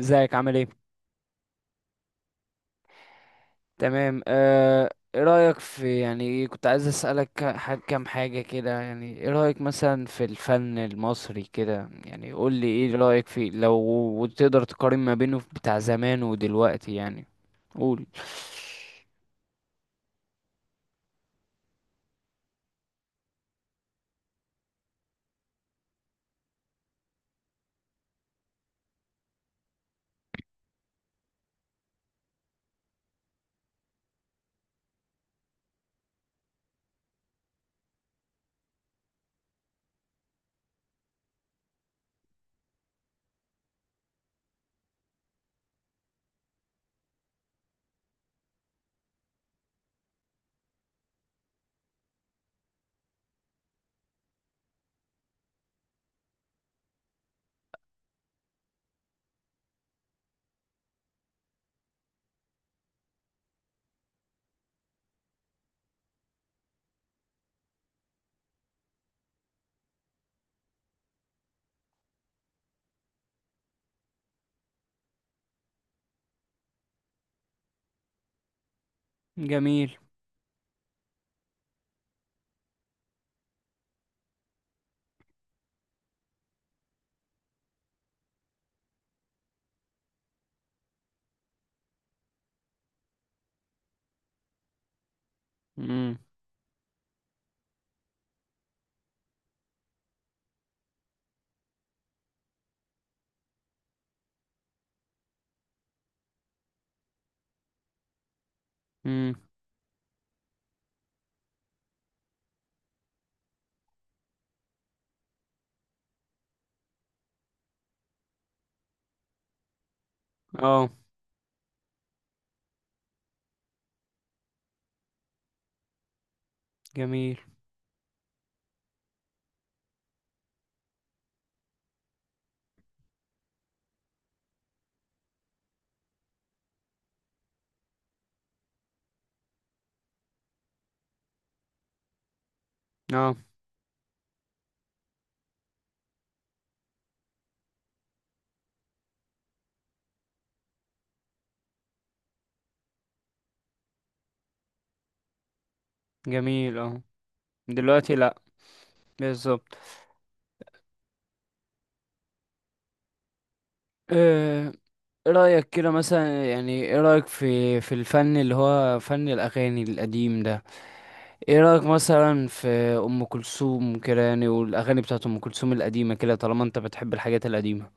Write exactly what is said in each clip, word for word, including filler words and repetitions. ازيك عامل ايه؟ تمام. آه، ايه رأيك في، يعني كنت عايز اسألك ك- ح- كام حاجة كده، يعني ايه رأيك مثلا في الفن المصري كده، يعني قول لي ايه رأيك فيه لو تقدر تقارن ما بينه بتاع زمان ودلوقتي يعني. قول. جميل. امم. امم. اه، جميل. اه، جميل. اه. دلوقتي لا. بالظبط. آه، ايه رأيك كده مثلا، يعني ايه رأيك في في الفن اللي هو فن الأغاني القديم ده؟ ايه رأيك مثلا في ام كلثوم كده، يعني والاغاني بتاعت ام كلثوم القديمة كده طالما انت بتحب الحاجات القديمة.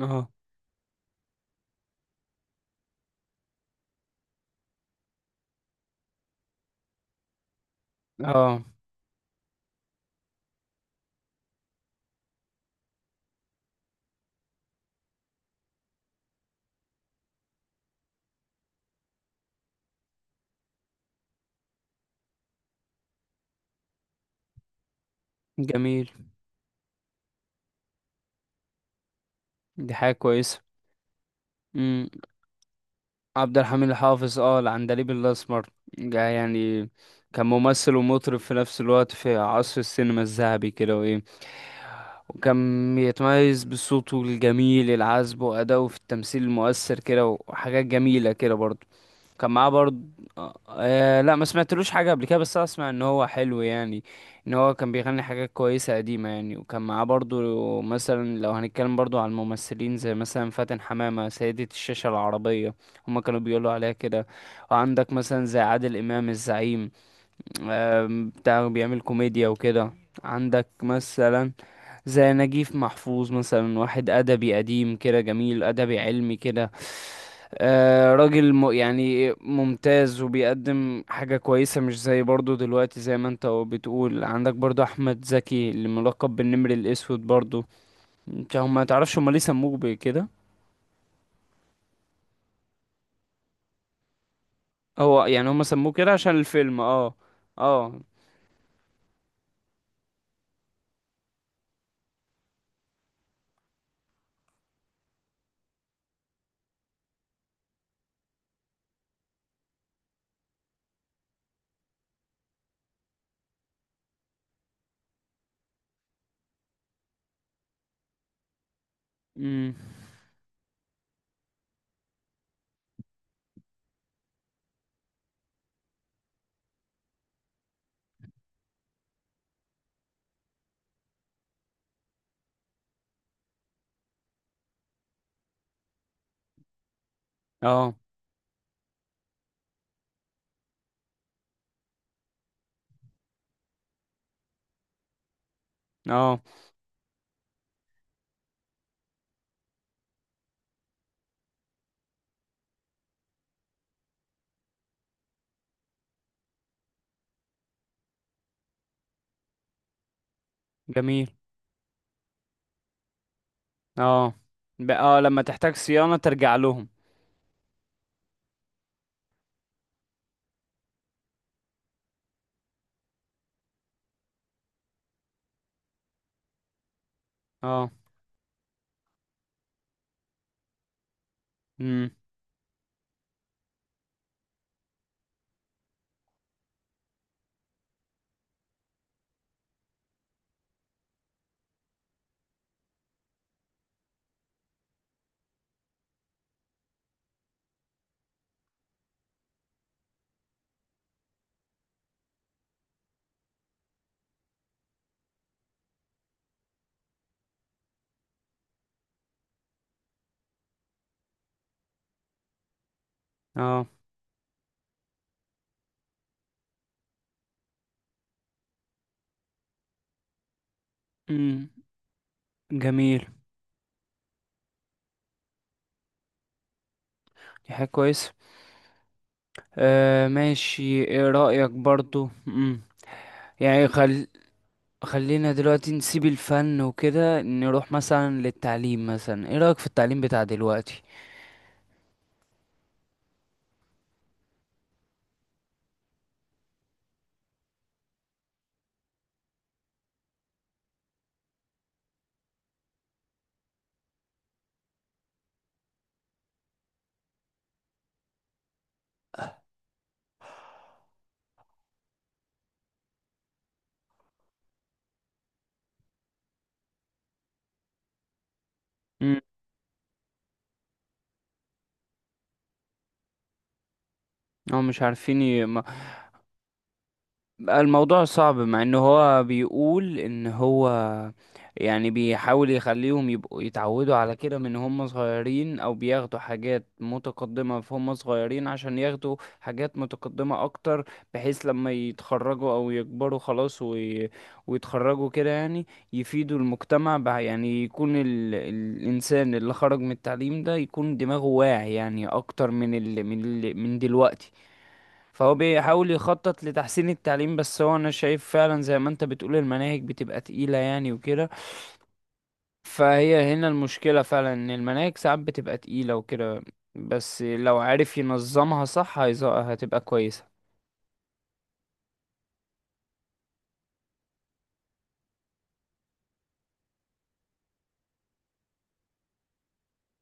اه، اه، جميل. دي حاجة كويسة. امم. عبد الحميد الحافظ، اه العندليب الاسمر ده يعني كان ممثل ومطرب في نفس الوقت، في عصر السينما الذهبي كده. وايه، وكان يتميز بصوته الجميل العذب وأداؤه في التمثيل المؤثر كده وحاجات جميلة كده برضه. كان معاه برضه. آه، آه، لا ما سمعتلوش حاجة قبل كده، بس اسمع ان هو حلو يعني، ان هو كان بيغني حاجات كويسة قديمة يعني. وكان معاه برضه، مثلا لو هنتكلم برضه على الممثلين زي مثلا فاتن حمامة سيدة الشاشة العربية، هما كانوا بيقولوا عليها كده. وعندك مثلا زي عادل امام الزعيم. آه، بتاع بيعمل كوميديا وكده. عندك مثلا زي نجيب محفوظ، مثلا واحد أدبي قديم كده جميل، أدبي علمي كده. آه، راجل م يعني ممتاز وبيقدم حاجة كويسة، مش زي برضو دلوقتي زي ما انت بتقول. عندك برضو أحمد زكي اللي ملقب بالنمر الأسود برضو. انت هم ما تعرفش هم ليه سموه بكده؟ هو يعني هم سموه كده عشان الفيلم. اه. اه. امم. اه. اه، جميل. اه، ب- اه لما تحتاج صيانة ترجع لهم. اه. امم. اه. امم. جميل. دي حاجة كويسة. آه، ماشي. ايه رأيك برضو؟ مم. يعني خل... خلينا دلوقتي نسيب الفن وكده نروح مثلا للتعليم. مثلا ايه رأيك في التعليم بتاع دلوقتي؟ مم. هم مش عارفين ي... ما... الموضوع صعب، مع ان هو بيقول ان هو يعني بيحاول يخليهم يبقوا يتعودوا على كده من هم صغيرين، او بياخدوا حاجات متقدمة في هم صغيرين عشان ياخدوا حاجات متقدمة اكتر، بحيث لما يتخرجوا او يكبروا خلاص وي... ويتخرجوا كده يعني، يفيدوا المجتمع، بع- يعني يكون ال... الانسان اللي خرج من التعليم ده يكون دماغه واعي يعني، اكتر من ال... من ال... من دلوقتي. فهو بيحاول يخطط لتحسين التعليم، بس هو انا شايف فعلا زي ما انت بتقول المناهج بتبقى تقيلة يعني وكده. فهي هنا المشكلة فعلا، ان المناهج ساعات بتبقى تقيلة وكده، بس لو عارف ينظمها صح هيز- هتبقى كويسة.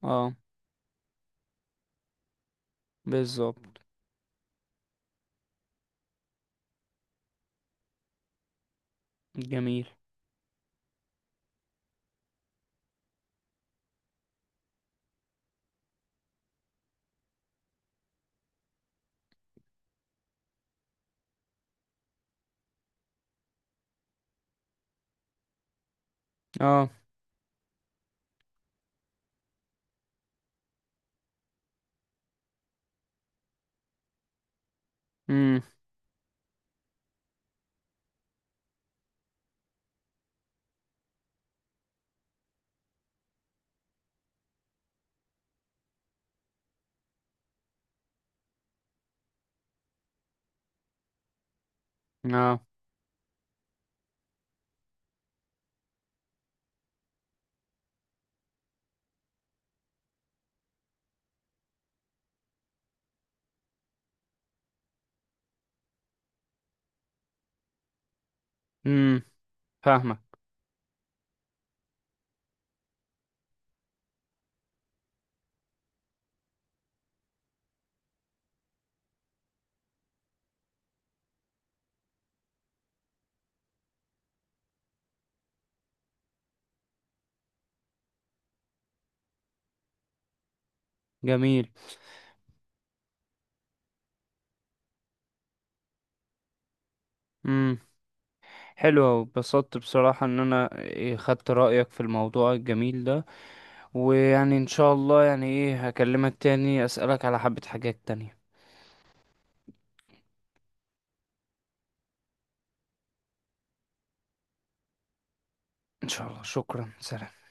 اه، بالظبط. جميل. اه. امم. اه. امم. فاهمك. جميل. امم. حلو أوي. اتبسطت بصراحة ان انا إيه، خدت رأيك في الموضوع الجميل ده، ويعني ان شاء الله يعني ايه هكلمك تاني اسألك على حبة حاجات تانية. ان شاء الله. شكرا. سلام.